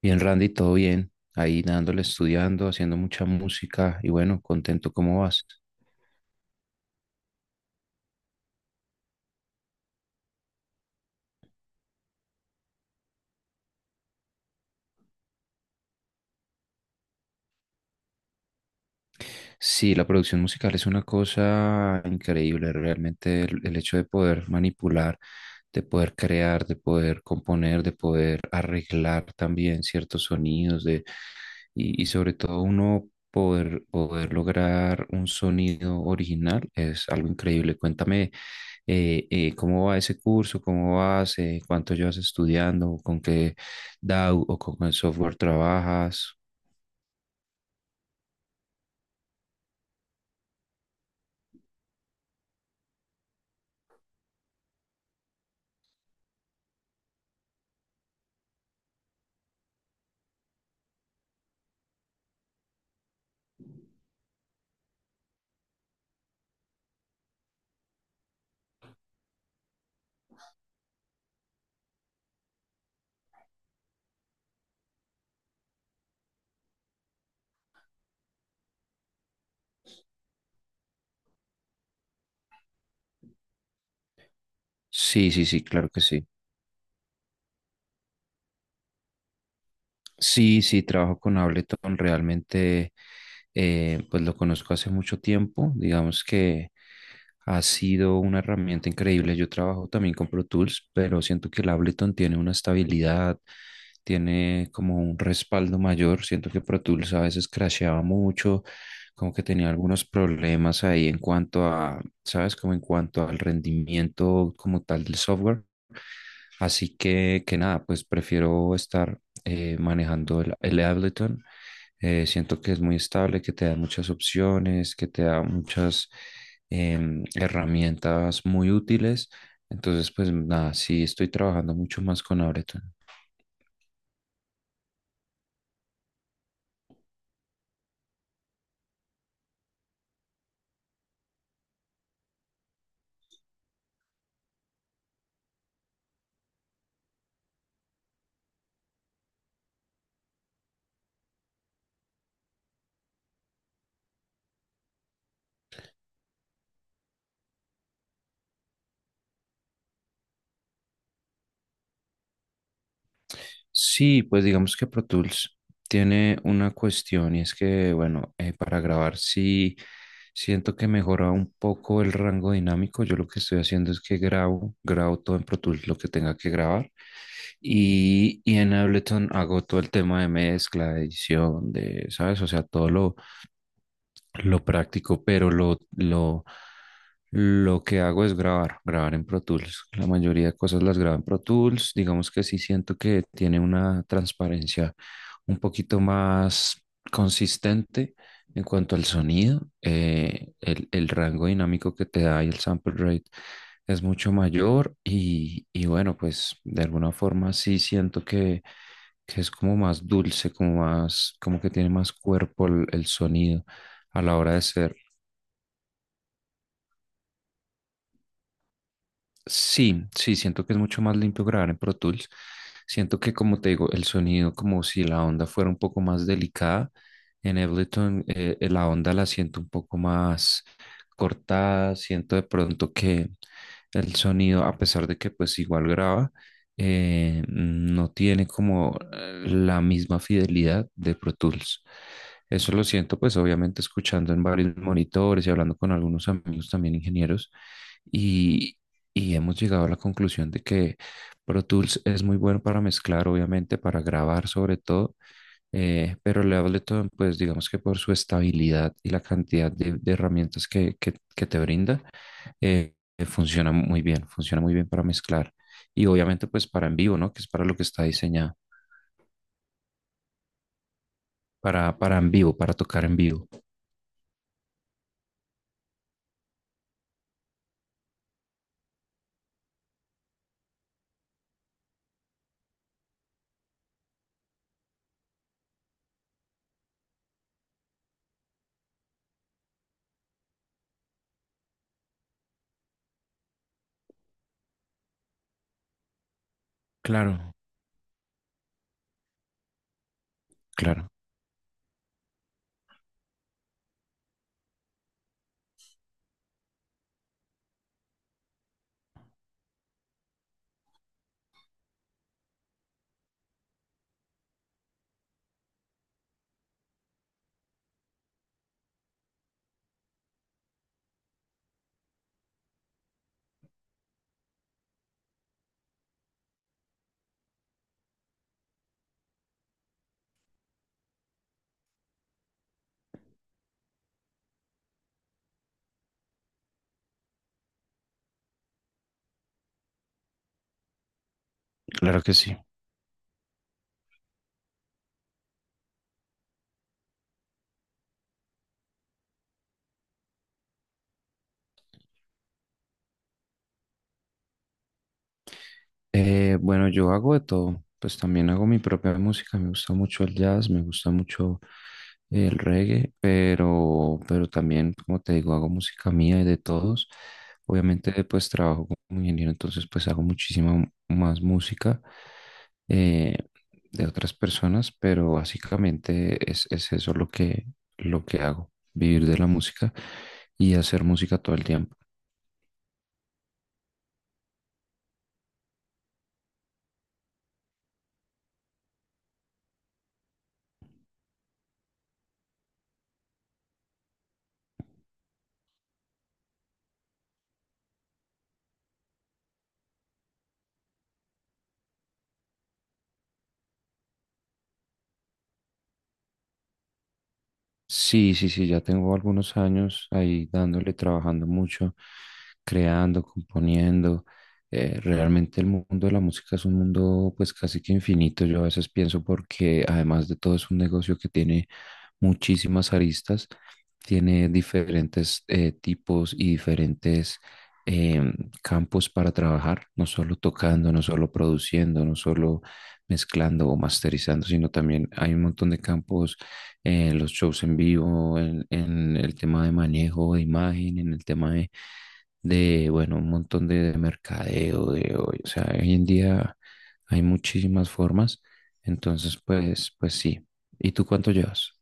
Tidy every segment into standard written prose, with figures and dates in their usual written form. Bien, Randy, todo bien. Ahí dándole, estudiando, haciendo mucha música y bueno, contento, ¿cómo vas? Sí, la producción musical es una cosa increíble, realmente el hecho de poder manipular, de poder crear, de poder componer, de poder arreglar también ciertos sonidos, de. Y sobre todo uno poder lograr un sonido original es algo increíble. Cuéntame, cómo va ese curso, cómo vas, cuánto llevas estudiando, con qué DAW o con qué software trabajas. Sí, sí, sí, claro que sí. Sí, sí, trabajo con Ableton. Realmente, pues lo conozco hace mucho tiempo. Digamos que ha sido una herramienta increíble. Yo trabajo también con Pro Tools, pero siento que el Ableton tiene una estabilidad, tiene como un respaldo mayor. Siento que Pro Tools a veces crasheaba mucho, como que tenía algunos problemas ahí en cuanto a, ¿sabes? Como en cuanto al rendimiento como tal del software. Así que nada, pues prefiero estar manejando el Ableton. Siento que es muy estable, que te da muchas opciones, que te da muchas herramientas muy útiles. Entonces, pues nada, sí estoy trabajando mucho más con Ableton. Sí, pues digamos que Pro Tools tiene una cuestión y es que, bueno, para grabar sí siento que mejora un poco el rango dinámico. Yo lo que estoy haciendo es que grabo todo en Pro Tools lo que tenga que grabar y en Ableton hago todo el tema de mezcla, de edición, de, ¿sabes? O sea, lo práctico, pero lo que hago es grabar en Pro Tools. La mayoría de cosas las grabo en Pro Tools. Digamos que sí siento que tiene una transparencia un poquito más consistente en cuanto al sonido. El rango dinámico que te da y el sample rate es mucho mayor y bueno, pues de alguna forma sí siento que es como más dulce, como más, como que tiene más cuerpo el sonido a la hora de ser. Sí, sí, siento que es mucho más limpio grabar en Pro Tools. Siento que, como te digo, el sonido, como si la onda fuera un poco más delicada. En Ableton, la onda la siento un poco más cortada. Siento de pronto que el sonido, a pesar de que pues igual graba, no tiene como la misma fidelidad de Pro Tools. Eso lo siento, pues obviamente escuchando en varios monitores y hablando con algunos amigos también ingenieros y hemos llegado a la conclusión de que Pro Tools es muy bueno para mezclar, obviamente, para grabar sobre todo, pero el Ableton, pues digamos que por su estabilidad y la cantidad de herramientas que, que te brinda, eh, funciona muy bien para mezclar y obviamente pues para en vivo, ¿no? Que es para lo que está diseñado, para en vivo, para tocar en vivo. Claro, claro, claro que sí. Bueno, yo hago de todo, pues también hago mi propia música, me gusta mucho el jazz, me gusta mucho el reggae, pero también, como te digo, hago música mía y de todos. Obviamente, pues trabajo como ingeniero, entonces pues hago muchísima más música, eh, de otras personas, pero básicamente es eso lo que hago, vivir de la música y hacer música todo el tiempo. Sí, sí, sí, ya tengo algunos años ahí dándole, trabajando mucho, creando, componiendo. Realmente el mundo de la música es un mundo pues casi que infinito. Yo a veces pienso porque además de todo es un negocio que tiene muchísimas aristas, tiene diferentes tipos y diferentes em, campos para trabajar, no solo tocando, no solo produciendo, no solo mezclando o masterizando, sino también hay un montón de campos, los shows en vivo, en el tema de manejo de imagen, en el tema de, bueno, un montón de mercadeo, de hoy. O sea, hoy en día hay muchísimas formas. Entonces, pues, pues sí. ¿Y tú cuánto llevas?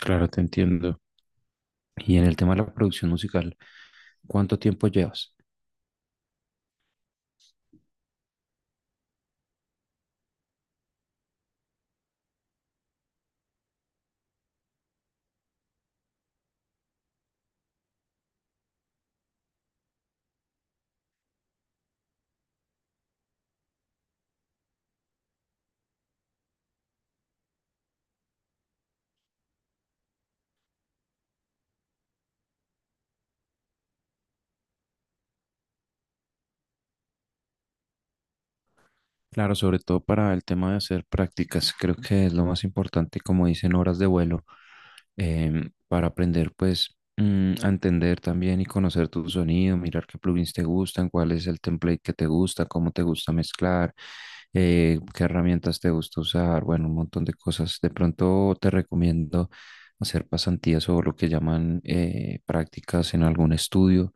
Claro, te entiendo. Y en el tema de la producción musical, ¿cuánto tiempo llevas? Claro, sobre todo para el tema de hacer prácticas, creo que es lo más importante, como dicen, horas de vuelo. Para aprender pues, a entender también y conocer tu sonido, mirar qué plugins te gustan, cuál es el template que te gusta, cómo te gusta mezclar, qué herramientas te gusta usar, bueno, un montón de cosas. De pronto te recomiendo hacer pasantías o lo que llaman, prácticas en algún estudio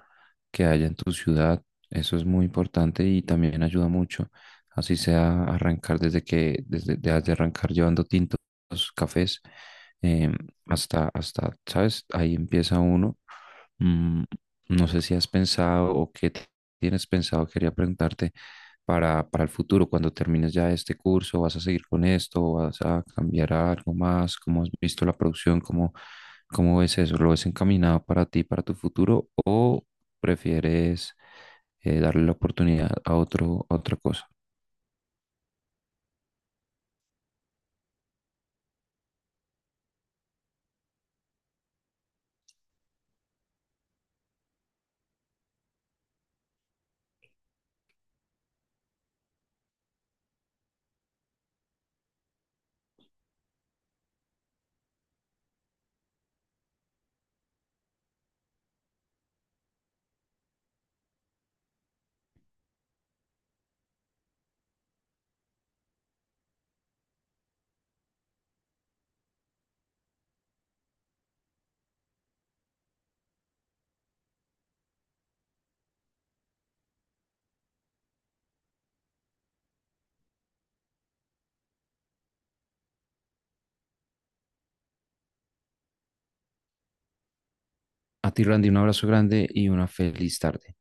que haya en tu ciudad. Eso es muy importante y también ayuda mucho. Así sea arrancar desde que, desde, de arrancar llevando tintos, cafés, em, hasta, hasta, ¿sabes? Ahí empieza uno. Mm, no sé si has pensado o qué tienes pensado, quería preguntarte para el futuro, cuando termines ya este curso, ¿vas a seguir con esto? ¿O vas a cambiar a algo más? ¿Cómo has visto la producción? ¿Cómo, cómo ves eso? ¿Lo ves encaminado para ti, para tu futuro? ¿O prefieres, darle la oportunidad a otro, a otra cosa? A ti, Randy, un abrazo grande y una feliz tarde.